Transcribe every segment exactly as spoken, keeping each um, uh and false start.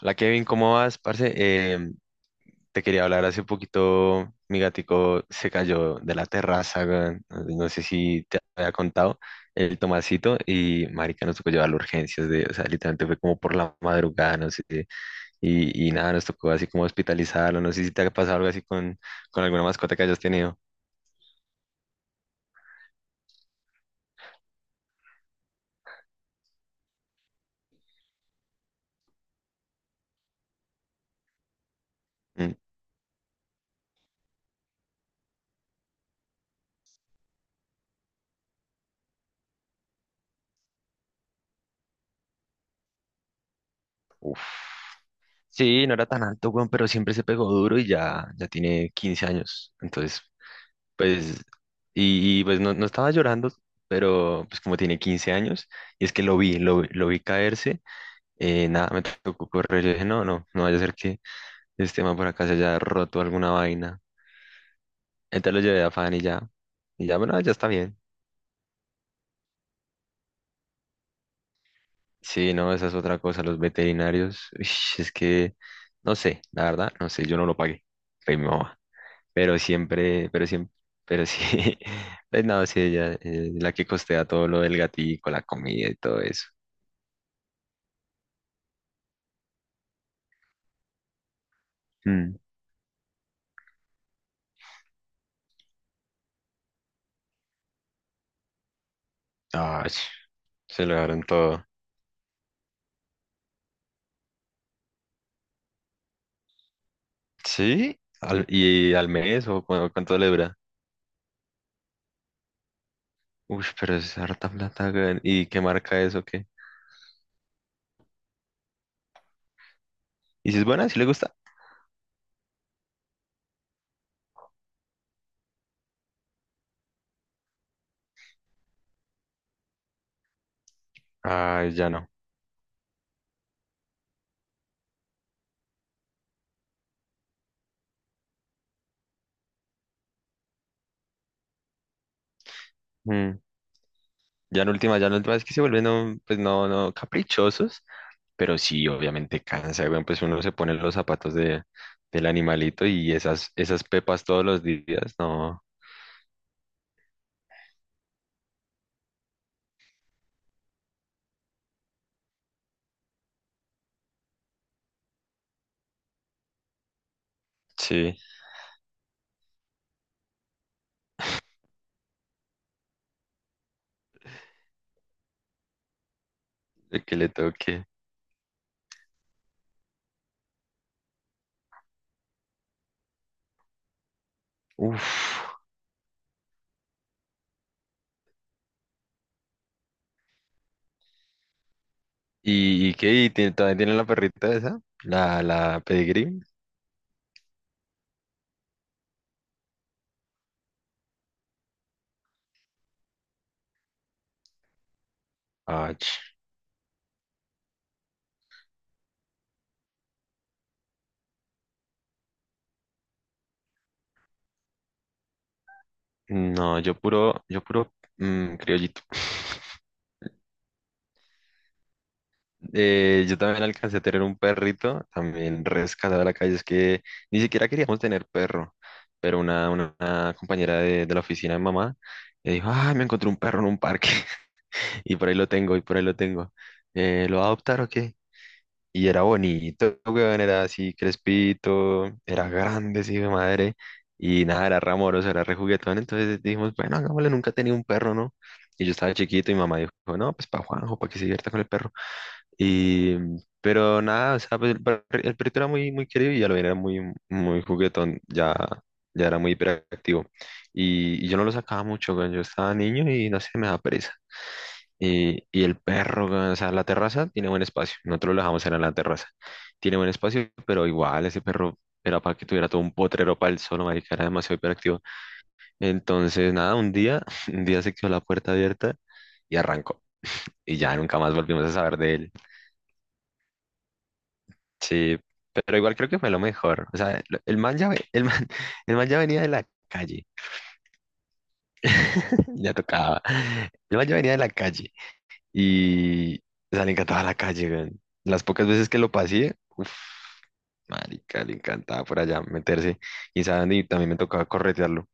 Hola Kevin, ¿cómo vas, parce? Eh, te quería hablar hace poquito, mi gatico se cayó de la terraza, weón. No no sé si te había contado, el Tomasito, y marica nos tocó llevarlo a urgencias, de, o sea, literalmente fue como por la madrugada, no sé, y, y nada, nos tocó así como hospitalizarlo, no sé si te ha pasado algo así con, con alguna mascota que hayas tenido. Mm, uf. Sí, no era tan alto, weón, pero siempre se pegó duro y ya, ya tiene quince años, entonces pues, y, y, pues no, no estaba llorando, pero pues como tiene quince años, y es que lo vi, lo, vi lo vi caerse, eh, nada, me tocó correr, yo dije, no, no, no vaya a ser que este man por acá se haya roto alguna vaina. Entonces lo llevé a Fan y ya, y ya, bueno, ya está bien. Sí, no, esa es otra cosa, los veterinarios, uish, es que, no sé, la verdad, no sé, yo no lo pagué, fue mi mamá, pero siempre, pero siempre, pero sí, pues nada, sí, ella es la que costea todo lo del gatico, la comida y todo eso. Mm. Ay, se lo dieron todo. ¿Sí? Al- ¿y al mes o cu- cuánto le dura? Uy, pero es harta plata, weón. ¿Y qué marca es o qué? ¿Y si es buena? ¿Si le gusta? Ay, ya no. Mm. Ya en última, ya en última es que se vuelven, un- pues no, no, caprichosos. Pero sí, obviamente cansa, weón. Pues uno se pone los zapatos de, del animalito y esas, esas pepas todos los días, no. Sí, el que le toque. Uf. ¿Y, y qué? ¿Y tiene- todavía tiene la perrita esa? ¿La, la pedigree? Ach, no, yo puro, yo puro mm, criollito. Eh, yo también alcancé a tener un perrito, también rescatado de la calle. Es que ni siquiera queríamos tener perro, pero una, una, una compañera de, de la oficina de mamá eh, dijo, ah, me encontré un perro en un parque y por ahí lo tengo, y por ahí lo tengo. Eh, ¿lo va a adoptar o qué? Y era bonito, weón, era así crespito, era grande, sí, de madre. Y nada, era ramoroso, era rejuguetón. Entonces dijimos, bueno, hagámosle, nunca tenía un perro, ¿no? Y yo estaba chiquito y mamá dijo, no, pues para Juanjo, para que se divierta con el perro. Y, pero nada, o sea, pues, el, per- el perrito era muy, muy querido y ya lo era muy, muy juguetón, ya, ya era muy hiperactivo. Y, y yo no lo sacaba mucho, weón, yo estaba niño y no sé, me daba pereza. Y, y el perro, weón, o sea, la terraza tiene buen espacio. Nosotros lo dejamos era en la terraza. Tiene buen espacio, pero igual ese perro era para que tuviera todo un potrero para él solo, marica, era demasiado hiperactivo. Entonces, nada, un día, un día se quedó la puerta abierta y arrancó. Y ya nunca más volvimos a saber de él. Sí, pero igual creo que fue lo mejor. O sea, lo- el man ya, ve- el man, el man ya venía de la calle. Ya tocaba. El man ya venía de la calle. Y, o sea, le encantaba la calle, weón. Las pocas veces que lo pasé, uff, marica, le encantaba por allá meterse. Y saben, y también me tocaba corretearlo.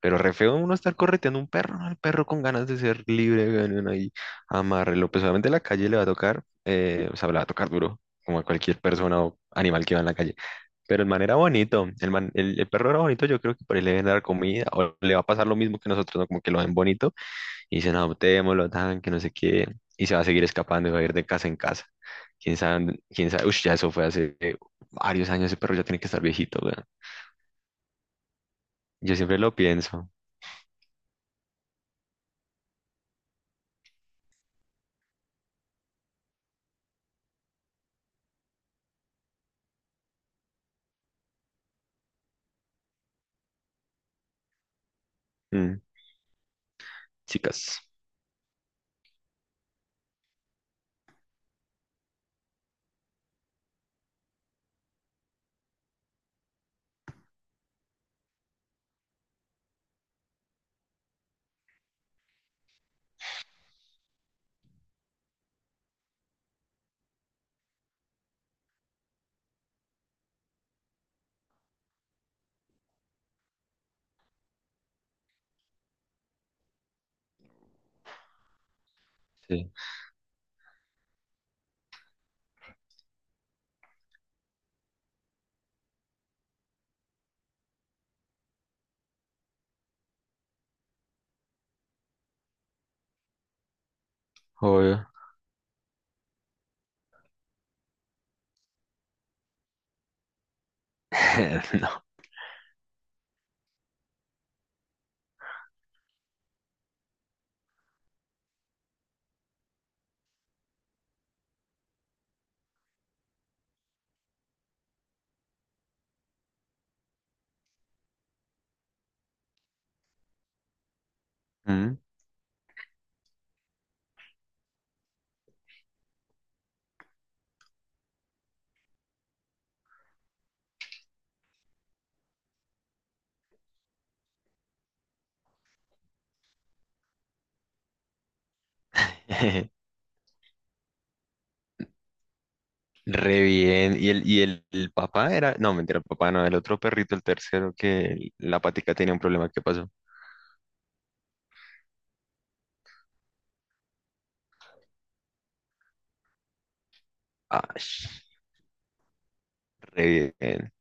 Pero re feo uno estar correteando un perro, ¿no? El perro con ganas de ser libre, weón, y uno ahí amarrelo. Pues obviamente la calle le va a tocar, eh, o sea, le va a tocar duro, como a cualquier persona o animal que va en la calle. Pero el man era bonito, el man, el, el perro era bonito, yo creo que por ahí le deben dar comida, o le va a pasar lo mismo que nosotros, ¿no? Como que lo ven bonito y dicen, adoptémoslo, tan, que no sé qué, y se va a seguir escapando, y va a ir de casa en casa. Quién sabe, dónde- quién sabe, uff, ya eso fue hace eh, varios años, ese perro ya tiene que estar viejito, weón. Yo siempre lo pienso. Mm, chicas, sí, obvio, no, mm. Re bien, y el, y el, el papá era, no, mentira, el papá no, el otro perrito, el tercero, que la patica tenía un problema, ¿qué pasó? Ah, re bien,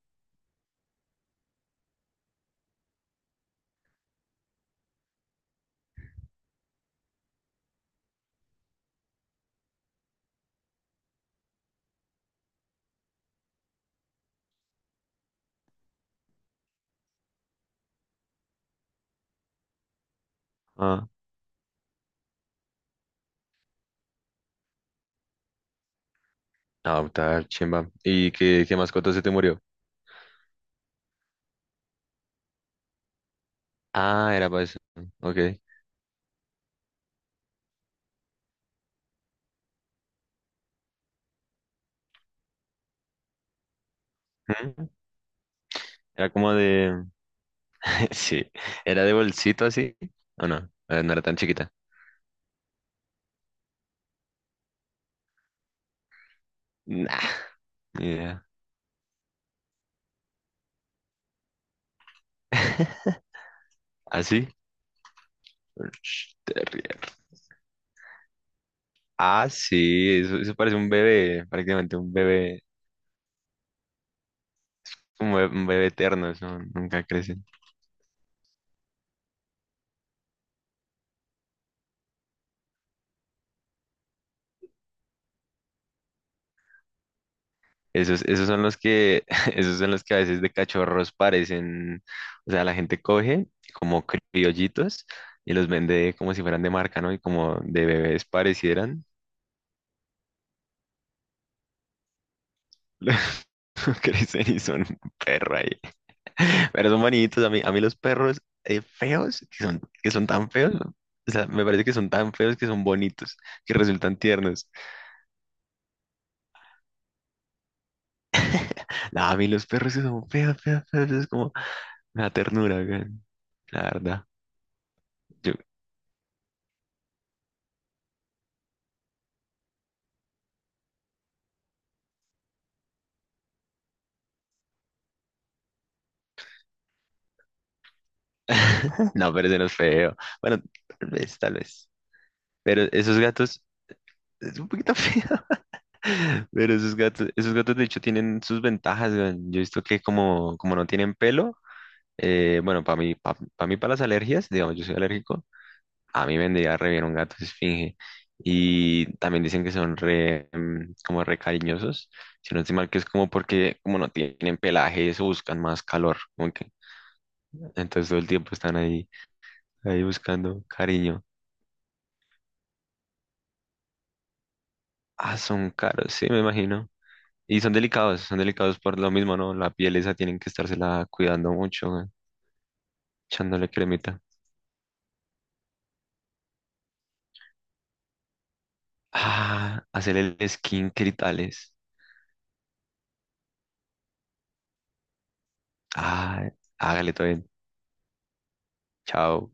ah, adoptar, chimba, ¿y qué, qué mascota se te murió? Ah, era para eso, ok. Ujú. Era como de... Sí, era de bolsito así. ¿O no? Eh, No era tan chiquita. Nah, ni idea. ¿Así? Sh, Terrier. Ah, sí, eso, eso parece un bebé, prácticamente un bebé, un bebé, un bebé eterno, eso nunca crecen. Esos, esos son los que, esos son los que a veces de cachorros parecen, o sea, la gente coge como criollitos y los vende como si fueran de marca, ¿no? Y como de bebés parecieran, no crecen y son un perro ahí. Pero son bonitos. A mí, a mí los perros eh, feos, que son, que son tan feos, ¿no? O sea, me parece que son tan feos que son bonitos, que resultan tiernos. No, a mí los perros que son feos, feos, feos, es como una ternura, güey. La verdad. Yo- No, pero ese no es feo. Bueno, tal vez, tal vez. Pero esos gatos, es un poquito feo. Pero esos gatos, esos gatos de hecho tienen sus ventajas, güey. Yo he visto que como, como no tienen pelo, eh, bueno, para mí, para mí, para las alergias, digamos, yo soy alérgico. A mí me vendría re bien un gato esfinge. Y también dicen que son re, mm, como re cariñosos. Si no estoy mal, que es como porque como no tienen pelaje, eso buscan más calor. Como que- entonces todo el tiempo están ahí, ahí buscando cariño. Ah, son caros, sí, me imagino. Y son delicados, son delicados por lo mismo, ¿no? La piel esa tienen que estársela cuidando mucho, güey, echándole cremita. Ah, hacerle el skin y tales. Ah, hágale todo bien. Chao.